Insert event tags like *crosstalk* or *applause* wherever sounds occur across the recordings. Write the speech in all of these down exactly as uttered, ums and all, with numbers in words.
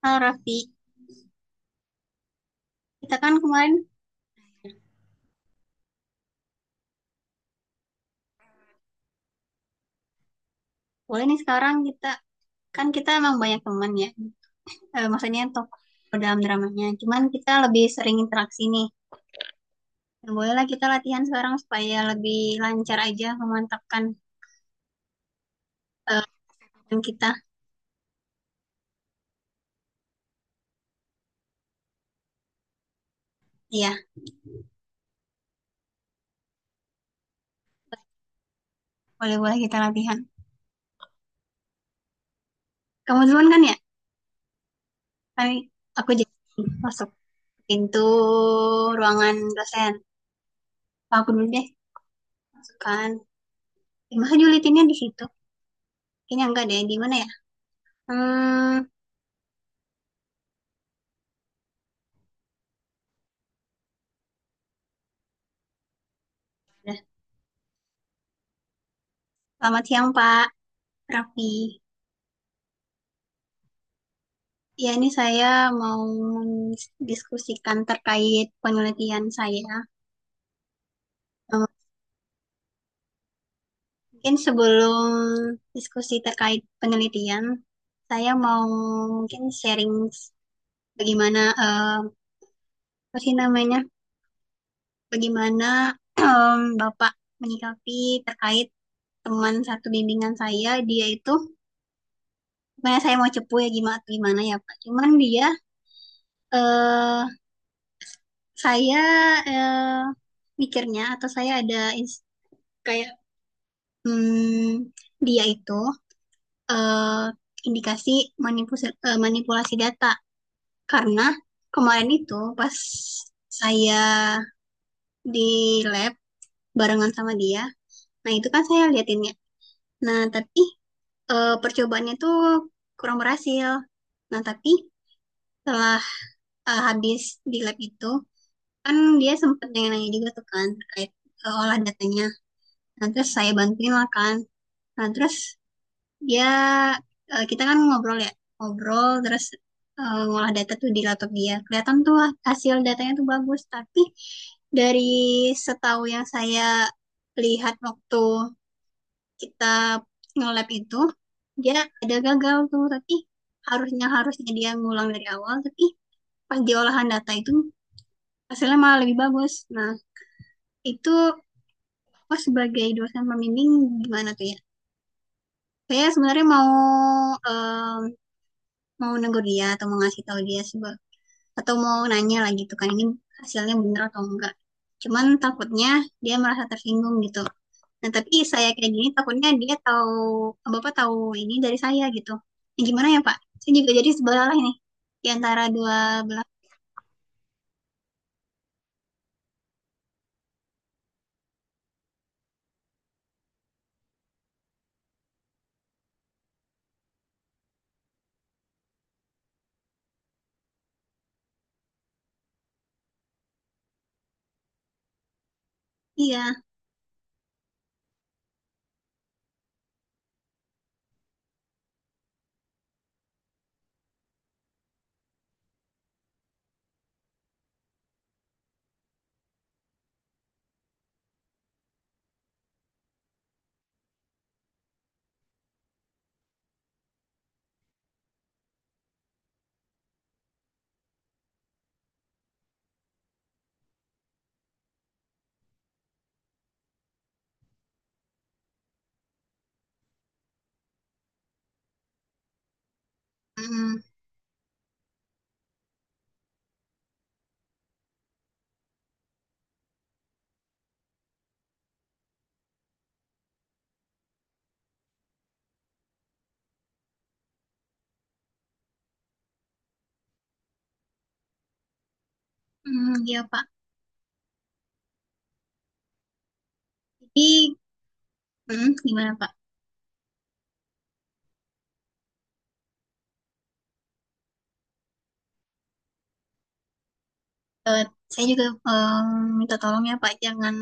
Halo Raffi, kita kan kemarin boleh nih sekarang kita kan kita emang banyak teman ya. Eh, maksudnya untuk dalam dramanya. Cuman kita lebih sering interaksi nih. Dan bolehlah kita latihan sekarang supaya lebih lancar aja memantapkan eh, teman kita. Iya, boleh boleh kita latihan. Kamu duluan kan ya? Kami aku jadi masuk pintu ruangan dosen. Aku dulu deh, masuk kan. Ya, masa julitinnya di situ? Kayaknya enggak deh. Di mana ya? Hmm, udah. Selamat siang Pak Raffi. Ya, ini saya mau mendiskusikan terkait penelitian saya. Eh, Mungkin sebelum diskusi terkait penelitian, saya mau mungkin sharing bagaimana, eh, apa sih namanya, bagaimana *clears throat* Bapak menyikapi terkait teman satu bimbingan saya, dia itu, sebenarnya saya mau cepu ya gimana, gimana ya Pak. Cuman dia, eh saya eh, mikirnya atau saya ada ins- kayak Hmm, dia itu eh, indikasi manipulasi, manipulasi data karena kemarin itu pas saya di lab barengan sama dia, nah itu kan saya liatin ya. Nah tapi eh, percobaannya tuh kurang berhasil. Nah tapi setelah eh, habis di lab itu kan dia sempat nanya-nanya juga tuh kan terkait eh, olah datanya. Nah terus saya bantuin lah kan. Nah terus dia eh, kita kan ngobrol ya, ngobrol terus eh, ngolah data tuh di laptop dia. Kelihatan tuh hasil datanya tuh bagus, tapi dari setahu yang saya lihat waktu kita nge-lab itu dia ada gagal tuh, tapi harusnya harusnya dia ngulang dari awal, tapi pas di olahan data itu hasilnya malah lebih bagus. Nah, itu aku sebagai dosen pembimbing gimana tuh ya? Saya sebenarnya mau eh, mau negur dia atau mau ngasih tahu dia sebab atau mau nanya lah gitu kan ini hasilnya bener atau enggak cuman takutnya dia merasa tersinggung gitu nah tapi saya kayak gini takutnya dia tahu bapak tahu ini dari saya gitu. Nah, gimana ya pak saya juga jadi sebelah lah ini di antara dua belah iya. Mm, mm, iya pak jadi mm, gimana pak. Eh, saya juga em, minta tolong ya pak jangan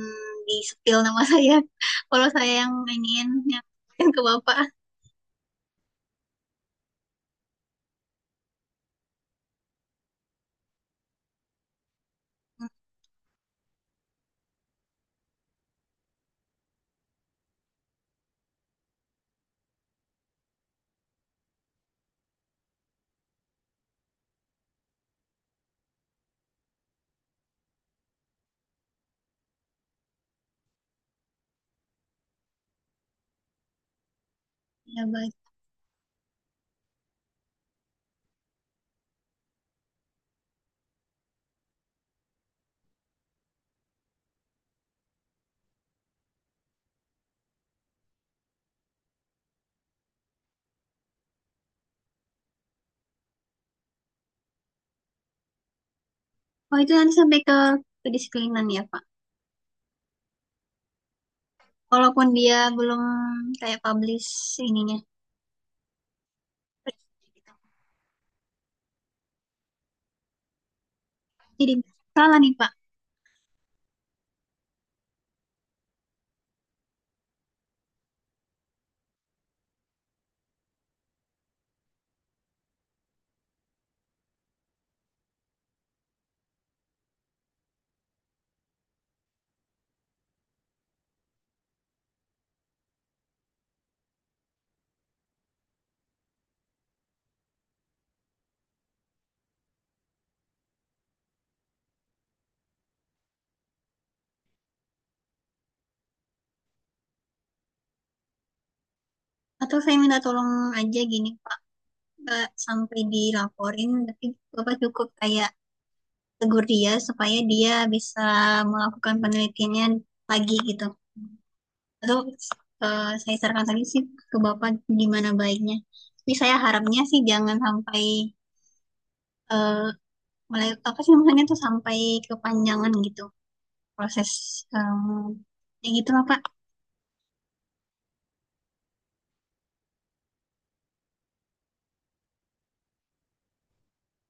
di spill nama saya *laughs* kalau saya yang ingin yang ke bapak ya baik. Oh itu nanti sampai ke kedisiplinan ya Pak. Walaupun dia belum kayak publish ininya. Jadi salah nih Pak. Atau saya minta tolong aja gini Pak. Nggak sampai dilaporin. Tapi Bapak cukup kayak tegur dia supaya dia bisa melakukan penelitiannya lagi gitu. Atau eh, saya sarankan tadi sih ke Bapak gimana baiknya. Tapi saya harapnya sih jangan sampai eh, mulai apa sih namanya tuh sampai kepanjangan gitu. Proses em, ya gitu lah Pak.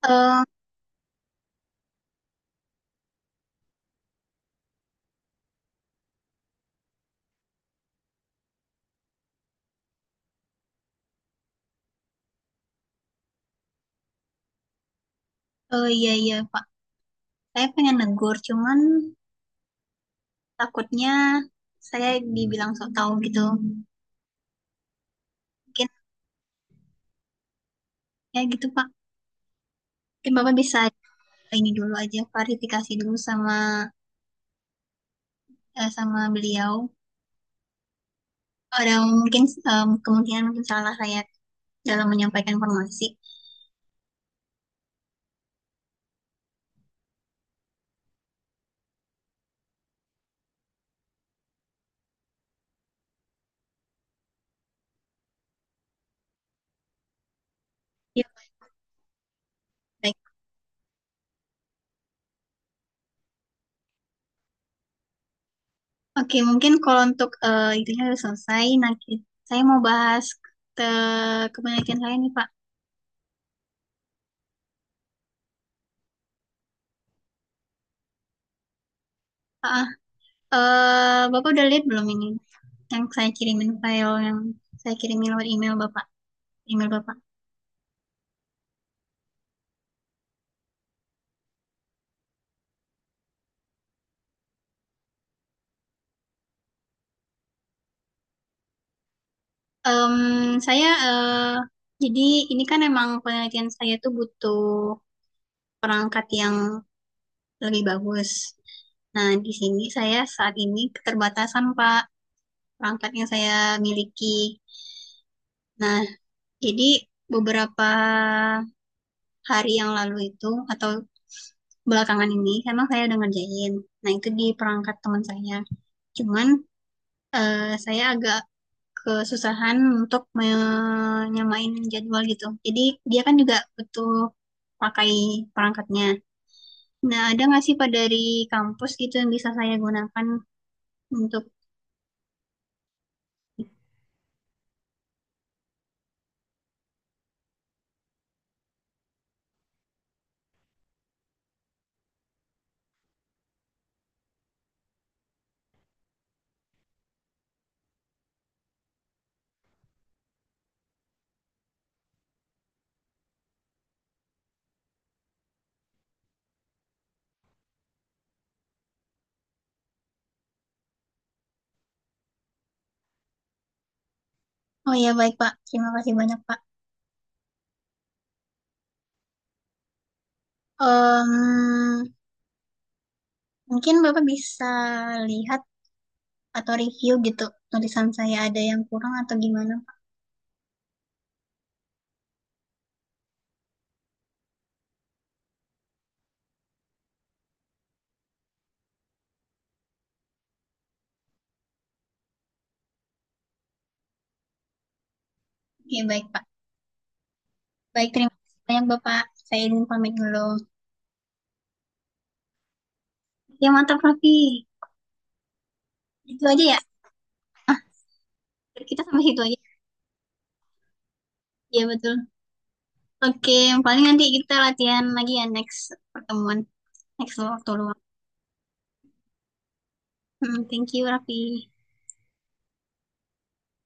eh eh, iya iya Pak saya pengen negur cuman takutnya saya dibilang sok tahu gitu mungkin ya gitu Pak mungkin Bapak bisa ini dulu aja klarifikasi dulu sama eh, sama beliau ada mungkin em, kemungkinan mungkin salah saya dalam menyampaikan informasi ya baik. Oke mungkin kalau untuk eh, itunya udah selesai nah ki- saya mau bahas ke kepenelitian saya nih Pak. Ah, ah. Eh Bapak udah lihat belum ini yang saya kirimin file yang saya kirimin lewat email Bapak, email Bapak. Em, saya eh, jadi ini kan emang penelitian saya tuh butuh perangkat yang lebih bagus. Nah, di sini saya saat ini keterbatasan Pak perangkat yang saya miliki. Nah, jadi beberapa hari yang lalu itu atau belakangan ini emang saya udah ngerjain. Nah, itu di perangkat teman saya. Cuman eh, saya agak kesusahan untuk menyamain jadwal gitu. Jadi dia kan juga butuh pakai perangkatnya. Nah, ada nggak sih Pak dari kampus gitu yang bisa saya gunakan untuk... Oh ya, baik Pak. Terima kasih banyak Pak. Em, mungkin Bapak bisa lihat atau review gitu tulisan saya ada yang kurang atau gimana Pak. Ya, baik Pak. Baik, terima kasih banyak Bapak. Saya izin pamit dulu. Ya, mantap Raffi. Itu aja ya. Kita sampai situ aja. Ya, betul. Oke, paling nanti kita latihan lagi ya next pertemuan, next waktu luang. Hmm, thank you, Raffi.